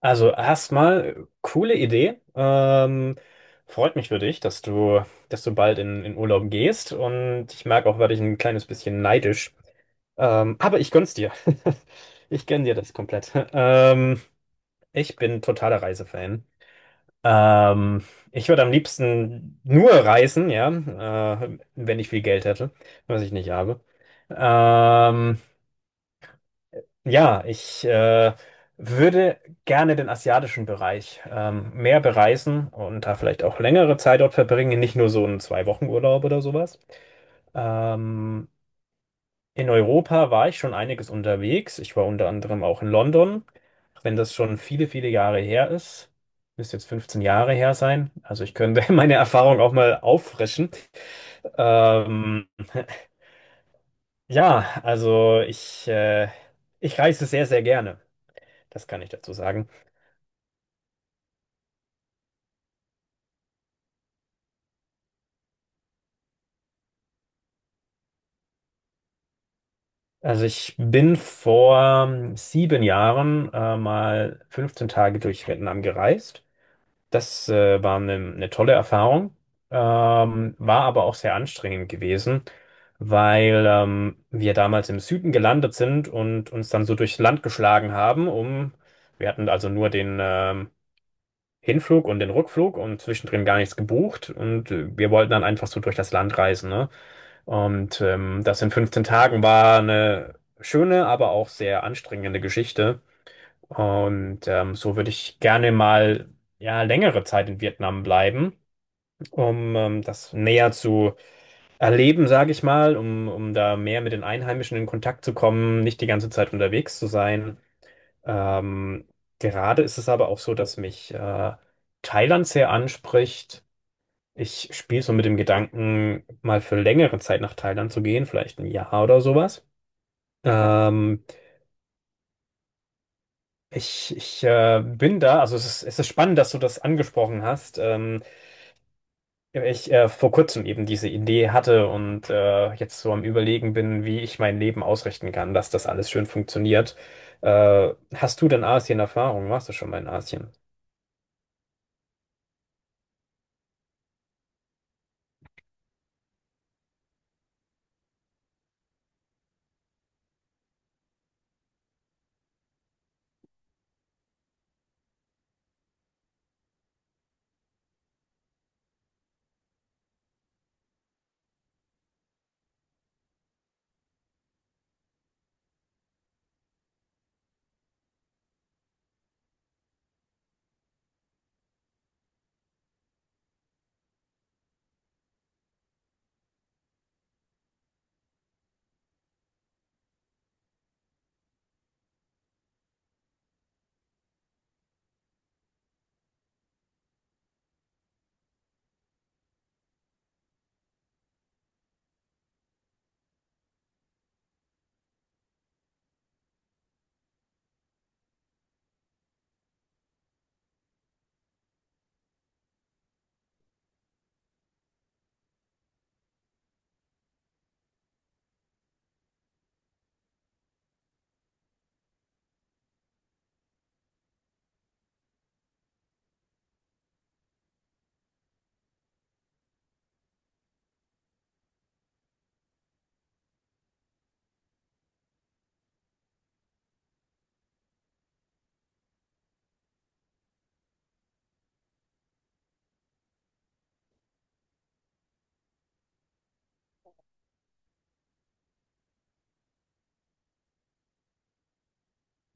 Also erstmal coole Idee. Freut mich für dich, dass du bald in Urlaub gehst. Und ich merke auch, werde ich ein kleines bisschen neidisch. Aber ich gönn's dir. Ich gönn dir das komplett. Ich bin totaler Reisefan. Ähm, Ich würde am liebsten nur reisen, ja, wenn ich viel Geld hätte, was ich nicht habe. Ähm, ja, ich würde gerne den asiatischen Bereich mehr bereisen und da vielleicht auch längere Zeit dort verbringen, nicht nur so einen Zwei-Wochen-Urlaub oder sowas. Ähm, in Europa war ich schon einiges unterwegs. Ich war unter anderem auch in London, auch wenn das schon viele, viele Jahre her ist. Müsste jetzt 15 Jahre her sein. Also ich könnte meine Erfahrung auch mal auffrischen. Ähm, ja, ich reise sehr, sehr gerne. Das kann ich dazu sagen. Also ich bin vor 7 Jahren mal 15 Tage durch Vietnam gereist. Das war eine tolle Erfahrung, war aber auch sehr anstrengend gewesen, weil wir damals im Süden gelandet sind und uns dann so durchs Land geschlagen haben, wir hatten also nur den Hinflug und den Rückflug und zwischendrin gar nichts gebucht und wir wollten dann einfach so durch das Land reisen, ne? Und das in 15 Tagen war eine schöne, aber auch sehr anstrengende Geschichte. Und so würde ich gerne mal ja längere Zeit in Vietnam bleiben, um das näher zu erleben, sage ich mal, um da mehr mit den Einheimischen in Kontakt zu kommen, nicht die ganze Zeit unterwegs zu sein. Ähm, Gerade ist es aber auch so, dass mich Thailand sehr anspricht. Ich spiele so mit dem Gedanken, mal für längere Zeit nach Thailand zu gehen, vielleicht ein Jahr oder sowas. Ähm, ich bin da, also es ist spannend, dass du das angesprochen hast. Ich vor kurzem eben diese Idee hatte und jetzt so am Überlegen bin, wie ich mein Leben ausrichten kann, dass das alles schön funktioniert. Hast du denn Asien-Erfahrung? Warst du schon mal in Asien?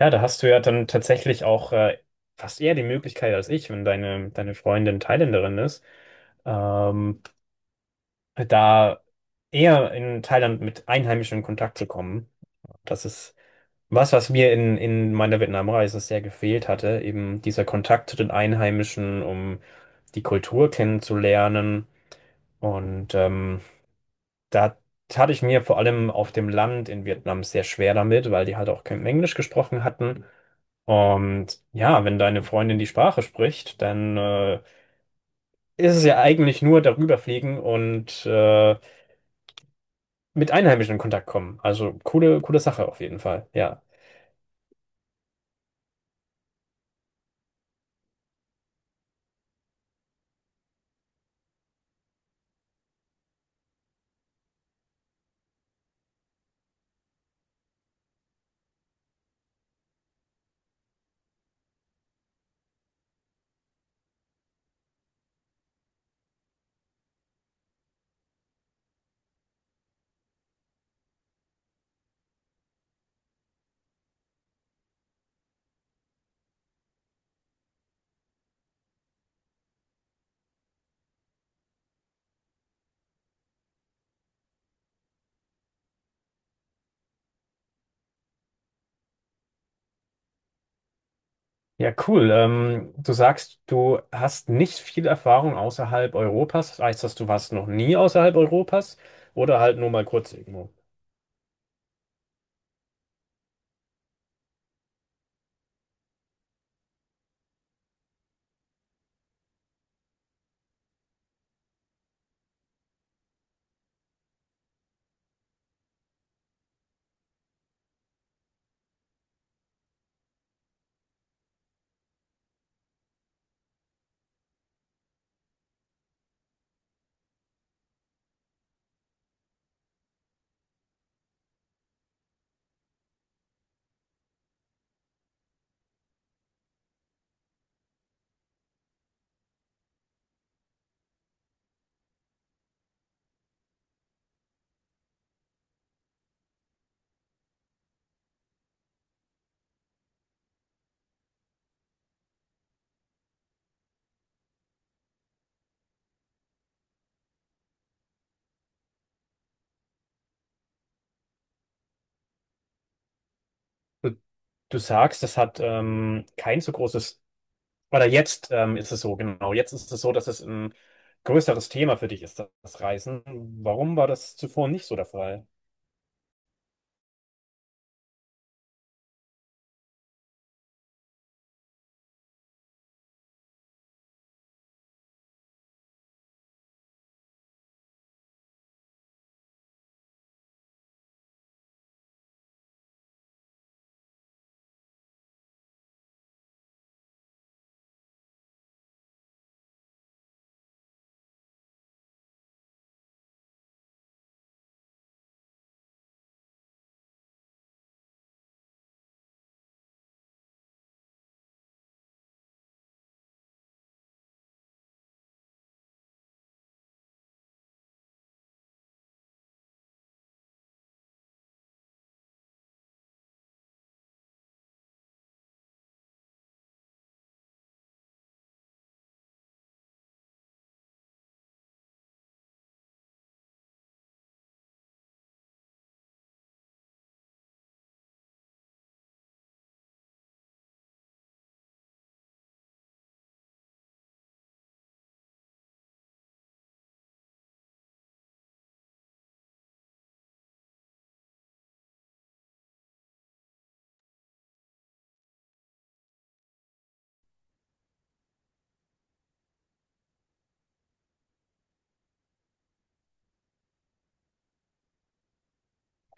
Ja, da hast du ja dann tatsächlich auch fast eher die Möglichkeit als ich, wenn deine Freundin Thailänderin ist. Ähm, Da eher in Thailand mit Einheimischen in Kontakt zu kommen. Das ist was, was mir in meiner Vietnamreise sehr gefehlt hatte, eben dieser Kontakt zu den Einheimischen, um die Kultur kennenzulernen. Und da tat ich mir vor allem auf dem Land in Vietnam sehr schwer damit, weil die halt auch kein Englisch gesprochen hatten. Und ja, wenn deine Freundin die Sprache spricht, dann ist es ja eigentlich nur darüber fliegen und mit Einheimischen in Kontakt kommen. Also coole, coole Sache auf jeden Fall. Ja. Ja, cool. Du sagst, du hast nicht viel Erfahrung außerhalb Europas. Heißt das, du warst noch nie außerhalb Europas oder halt nur mal kurz irgendwo? Du, du sagst, das hat kein so großes, oder jetzt ist es so, genau. Jetzt ist es so, dass es ein größeres Thema für dich ist, das Reisen. Warum war das zuvor nicht so der Fall?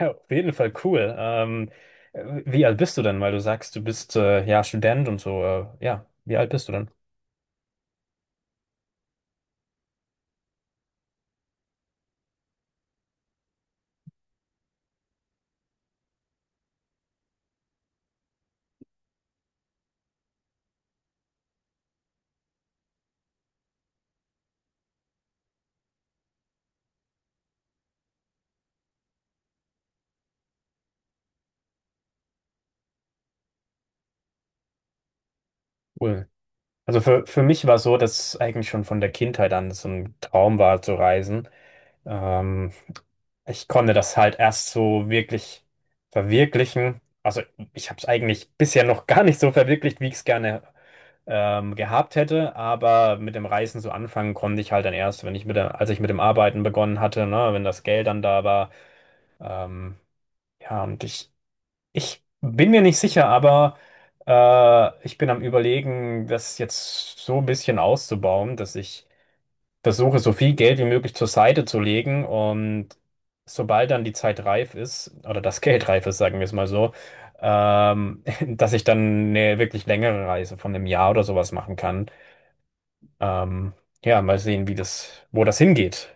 Ja, auf jeden Fall cool. Wie alt bist du denn? Weil du sagst, du bist ja Student und so. Ja, wie alt bist du denn? Cool. Also für mich war es so, dass eigentlich schon von der Kindheit an so ein Traum war zu reisen. Ähm, Ich konnte das halt erst so wirklich verwirklichen. Also ich habe es eigentlich bisher noch gar nicht so verwirklicht, wie ich es gerne gehabt hätte, aber mit dem Reisen so anfangen konnte ich halt dann erst, wenn ich mit der, als ich mit dem Arbeiten begonnen hatte, ne, wenn das Geld dann da war. Ähm, ja, und ich bin mir nicht sicher, aber ich bin am Überlegen, das jetzt so ein bisschen auszubauen, dass ich versuche, so viel Geld wie möglich zur Seite zu legen und sobald dann die Zeit reif ist, oder das Geld reif ist, sagen wir es mal so, dass ich dann eine wirklich längere Reise von einem Jahr oder sowas machen kann. Ähm, ja, mal sehen, wo das hingeht.